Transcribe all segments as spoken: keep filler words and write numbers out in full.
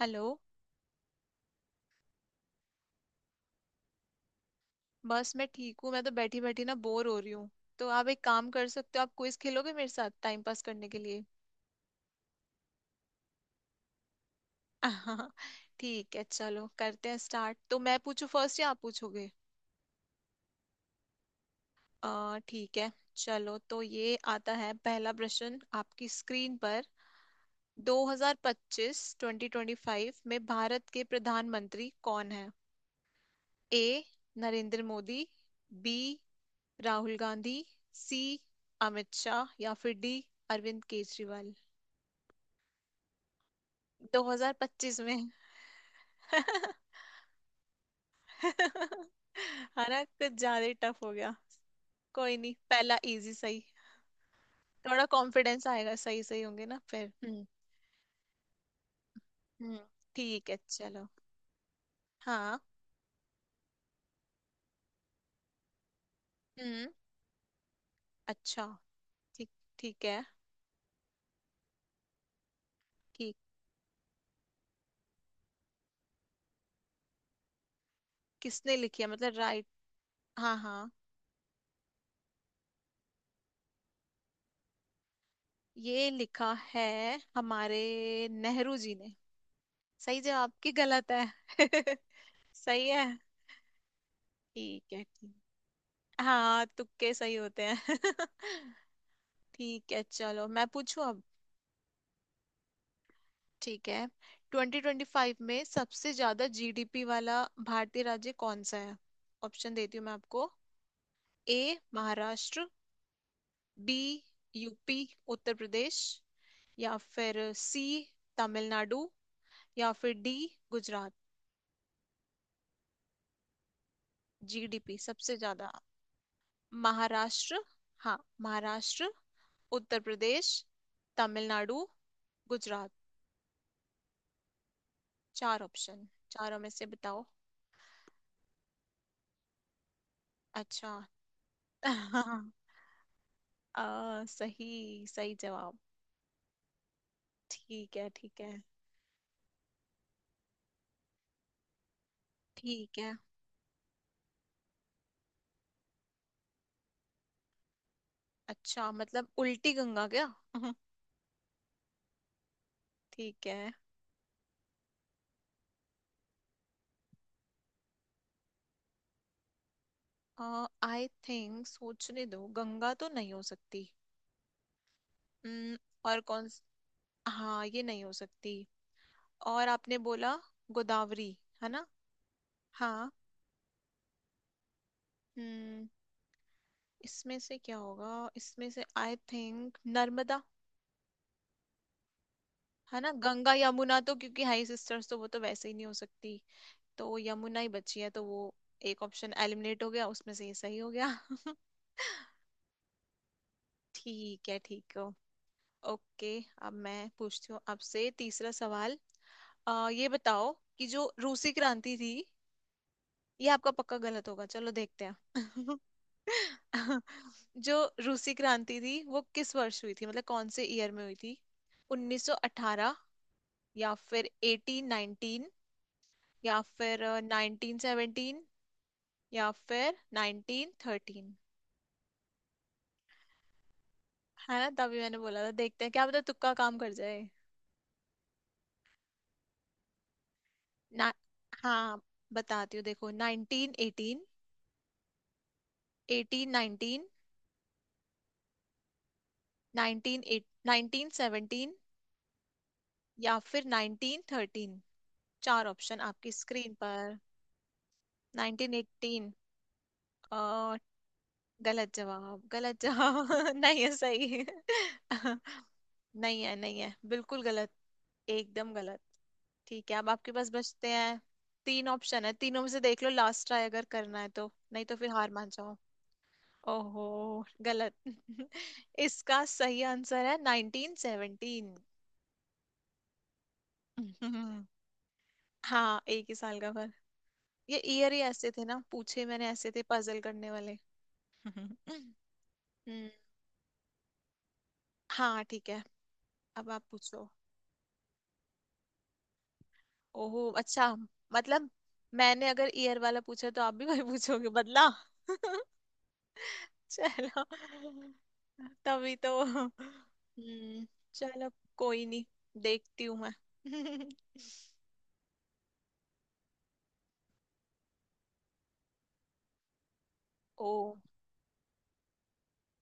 Hello. बस मैं ठीक हूँ, मैं तो बैठी बैठी ना बोर हो रही हूँ। तो आप एक काम कर सकते हो, आप क्विज खेलोगे मेरे साथ टाइम पास करने के लिए? ठीक है, चलो करते हैं स्टार्ट। तो मैं पूछू फर्स्ट या आप पूछोगे? अ, ठीक है। चलो, तो ये आता है पहला प्रश्न आपकी स्क्रीन पर। Twenty twenty five-twenty twenty five में भारत के प्रधानमंत्री कौन है? A, Narendra Modi. B, Rahul Gandhi. C, Amit Shah. या फिर डी, अरविंद केजरीवाल। दो हज़ार पच्चीस में। है ना, कुछ ज्यादा ही टफ हो गया। कोई नहीं, पहला इजी सही। थोड़ा कॉन्फिडेंस आएगा, सही सही होंगे ना फिर। हम्म। हम्म, ठीक है चलो। हाँ। हम्म, अच्छा। ठीक। ठीक है। ठीक। किसने लिखी है मतलब, राइट? हाँ हाँ, ये लिखा है हमारे नेहरू जी ने। सही जवाब की गलत है? सही है। ठीक है ठीक। हाँ, तुक्के सही होते हैं। ठीक है, चलो मैं पूछूं अब। ठीक है। ट्वेंटी ट्वेंटी फ़ाइव में सबसे ज्यादा जीडीपी वाला भारतीय राज्य कौन सा है? ऑप्शन देती हूँ मैं आपको। A, Maharashtra. B, UP, Uttar Pradesh. या फिर सी, तमिलनाडु। या फिर डी, गुजरात। जीडीपी सबसे ज्यादा। महाराष्ट्र, हाँ महाराष्ट्र, उत्तर प्रदेश, तमिलनाडु, गुजरात। चार ऑप्शन, चारों में से बताओ। अच्छा। आ, सही सही जवाब। ठीक है ठीक है ठीक है। अच्छा मतलब उल्टी गंगा क्या? ठीक है। आई थिंक सोचने दो, गंगा तो नहीं हो सकती। हम्म, और कौन स- हाँ, ये नहीं हो सकती। और आपने बोला गोदावरी, है ना? हाँ। हम्म, इसमें से क्या होगा? इसमें से आई थिंक नर्मदा। है ना, गंगा यमुना तो क्योंकि हाई सिस्टर्स, तो वो तो वैसे ही नहीं हो सकती। तो वो यमुना ही बची है, तो वो एक ऑप्शन एलिमिनेट हो गया, उसमें से ये सही हो गया। ठीक है ठीक है। ओके, अब मैं पूछती हूँ आपसे तीसरा सवाल। अ, ये बताओ कि जो रूसी क्रांति थी, ये आपका पक्का गलत होगा, चलो देखते हैं। जो रूसी क्रांति थी वो किस वर्ष हुई थी, मतलब कौन से ईयर में हुई थी? उन्नीस सौ अठारह, या फिर एटीन नाइनटीन, या फिर नाइनटीन सेवनटीन, या फिर नाइनटीन थर्टीन। है ना, तभी मैंने बोला था देखते हैं, क्या पता तुक्का काम कर जाए। ना। हाँ, बताती हूँ देखो। Nineteen eighteen, eighteen nineteen, nineteen eight nineteen seventeen, या फिर नाइनटीन थर्टीन। चार ऑप्शन आपकी स्क्रीन पर। Nineteen eighteen? गलत जवाब। गलत जवाब। नहीं है, सही है? नहीं है, नहीं है, बिल्कुल गलत। एकदम गलत। ठीक है, अब आपके पास बचते हैं तीन ऑप्शन, है तीनों में से देख लो, लास्ट ट्राई अगर करना है तो, नहीं तो फिर हार मान जाओ। ओहो, गलत। इसका सही आंसर है नाइनटीन सेवनटीन। हाँ, एक ही साल का फर्क। ये ईयर ही ऐसे थे ना, पूछे मैंने ऐसे थे पजल करने वाले। हम्म। हाँ, ठीक है, अब आप पूछो। ओहो, अच्छा, मतलब मैंने अगर ईयर वाला पूछा तो आप भी वही पूछोगे, बदला। चलो, तभी तो। हम्म, चलो कोई नहीं, देखती हूँ मैं। ओ,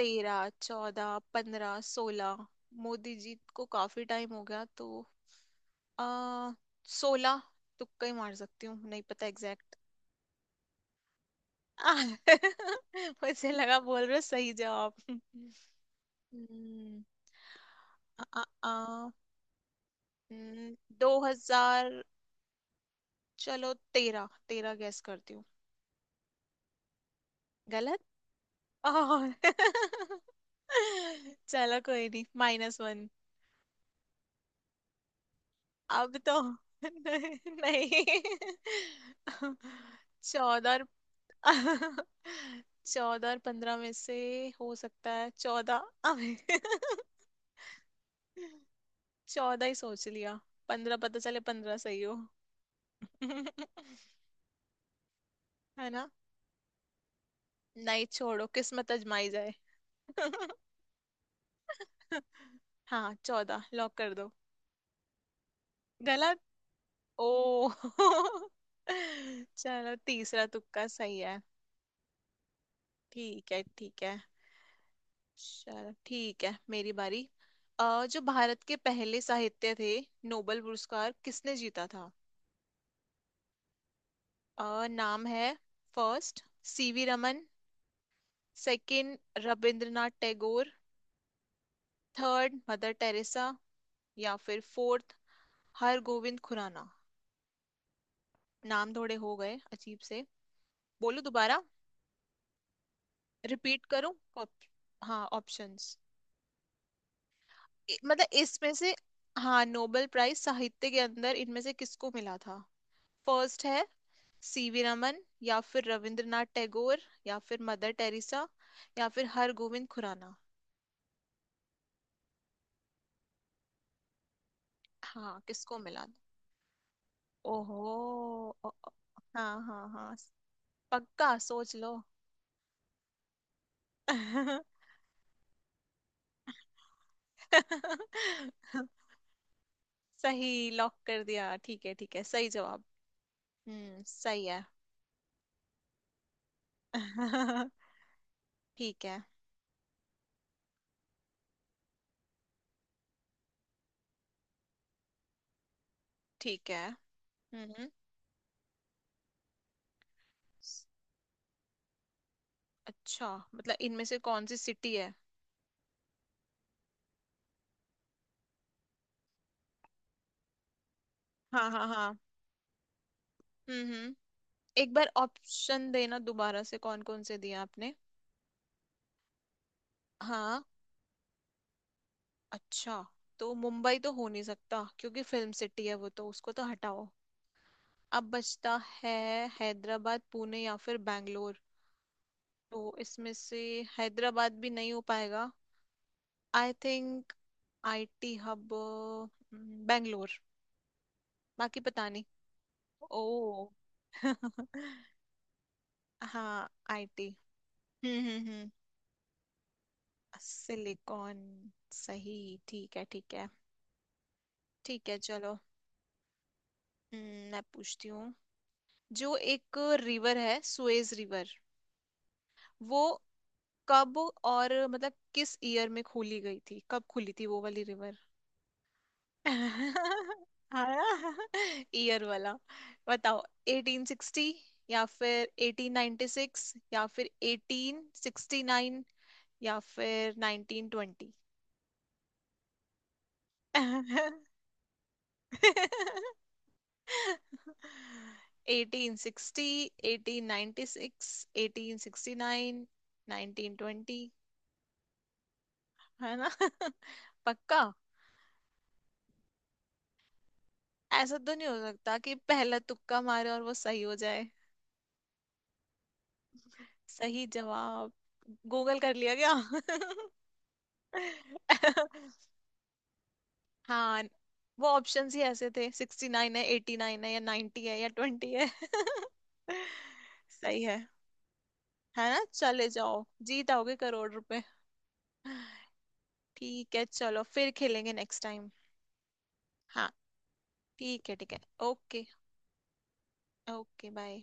तेरह चौदह पंद्रह सोलह। मोदी जी को काफी टाइम हो गया तो आ सोलह। तुक्का ही मार सकती हूँ, नहीं पता एग्जैक्ट। मुझे लगा बोल रहे हो सही जवाब। हम्म, आ, आ, आ, हम्म, दो हज़ार। चलो तेरह तेरह गैस करती हूँ। गलत? और। चलो कोई नहीं, माइनस वन। अब तो नहीं। चौदह और। चौदह और पंद्रह में से, हो सकता है चौदह। अबे। चौदह ही सोच लिया, पंद्रह पता चले पंद्रह सही हो। है ना? नहीं, छोड़ो, किस्मत आजमाई जाए। हाँ, चौदह लॉक कर दो। गलत? ओ। चलो, तीसरा तुक्का सही है। ठीक है ठीक है। चलो ठीक है, मेरी बारी। अ, जो भारत के पहले साहित्य थे, नोबेल पुरस्कार किसने जीता था? अ, नाम है। First, CV Raman. Second, Rabindranath Tagore. Third, Mother Teresa. या फिर फोर्थ, हरगोविंद खुराना। नाम थोड़े हो गए अजीब से, बोलो दोबारा, रिपीट करूं? ऑप- हाँ, ऑप्शंस। मतलब इसमें से, हाँ, नोबेल प्राइज साहित्य के अंदर इनमें से किसको मिला था? फर्स्ट है सीवी रमन, या फिर रविंद्रनाथ टैगोर, या फिर मदर टेरेसा, या फिर हरगोविंद खुराना। हाँ, किसको मिला था? ओहो, ओ, ओ, हाँ हाँ हाँ, पक्का सोच लो। सही लॉक कर दिया, ठीक है ठीक है, सही जवाब। हम्म, सही है। ठीक है ठीक है। हम्म, अच्छा, मतलब इनमें से कौन सी सिटी है? हाँ हाँ हाँ। हम्म हम्म। एक बार ऑप्शन देना दोबारा से, कौन कौन से दिया आपने? हाँ। अच्छा, तो मुंबई तो हो नहीं सकता क्योंकि फिल्म सिटी है वो, तो उसको तो हटाओ, अब बचता है हैदराबाद, पुणे या फिर बैंगलोर। तो इसमें से हैदराबाद भी नहीं हो पाएगा, आई थिंक। IT hub. हम्म, बैंगलोर, बाकी पता नहीं। ओ। हाँ, आईटी। हम्म हम्म हम्म। सिलिकॉन, सही। ठीक है ठीक है ठीक है चलो। हम्म, मैं पूछती हूँ। जो एक रिवर है, सुएज रिवर, वो कब और मतलब किस ईयर में खोली गई थी, कब खुली थी वो वाली रिवर? ईयर वाला बताओ। एटीन सिक्सटी, या फिर एटीन नाइन्टी सिक्स, या फिर एटीन सिक्सटी नाइन, या फिर nineteen twenty. Eighteen sixty, eighteen ninety six, eighteen sixty nine, nineteen twenty. है ना? पक्का? ऐसा तो नहीं हो सकता कि पहला तुक्का मारे और वो सही हो जाए। सही जवाब? गूगल कर लिया क्या? हाँ, वो ऑप्शंस ही ऐसे थे, सिक्सटी नाइन है, एटी नाइन है, या नाइन्टी है, या ट्वेंटी है। सही है। है ना, चले जाओ, जीत आओगे करोड़ रुपए। ठीक है, चलो फिर खेलेंगे नेक्स्ट टाइम। हाँ ठीक है ठीक है। ओके। Okay bye.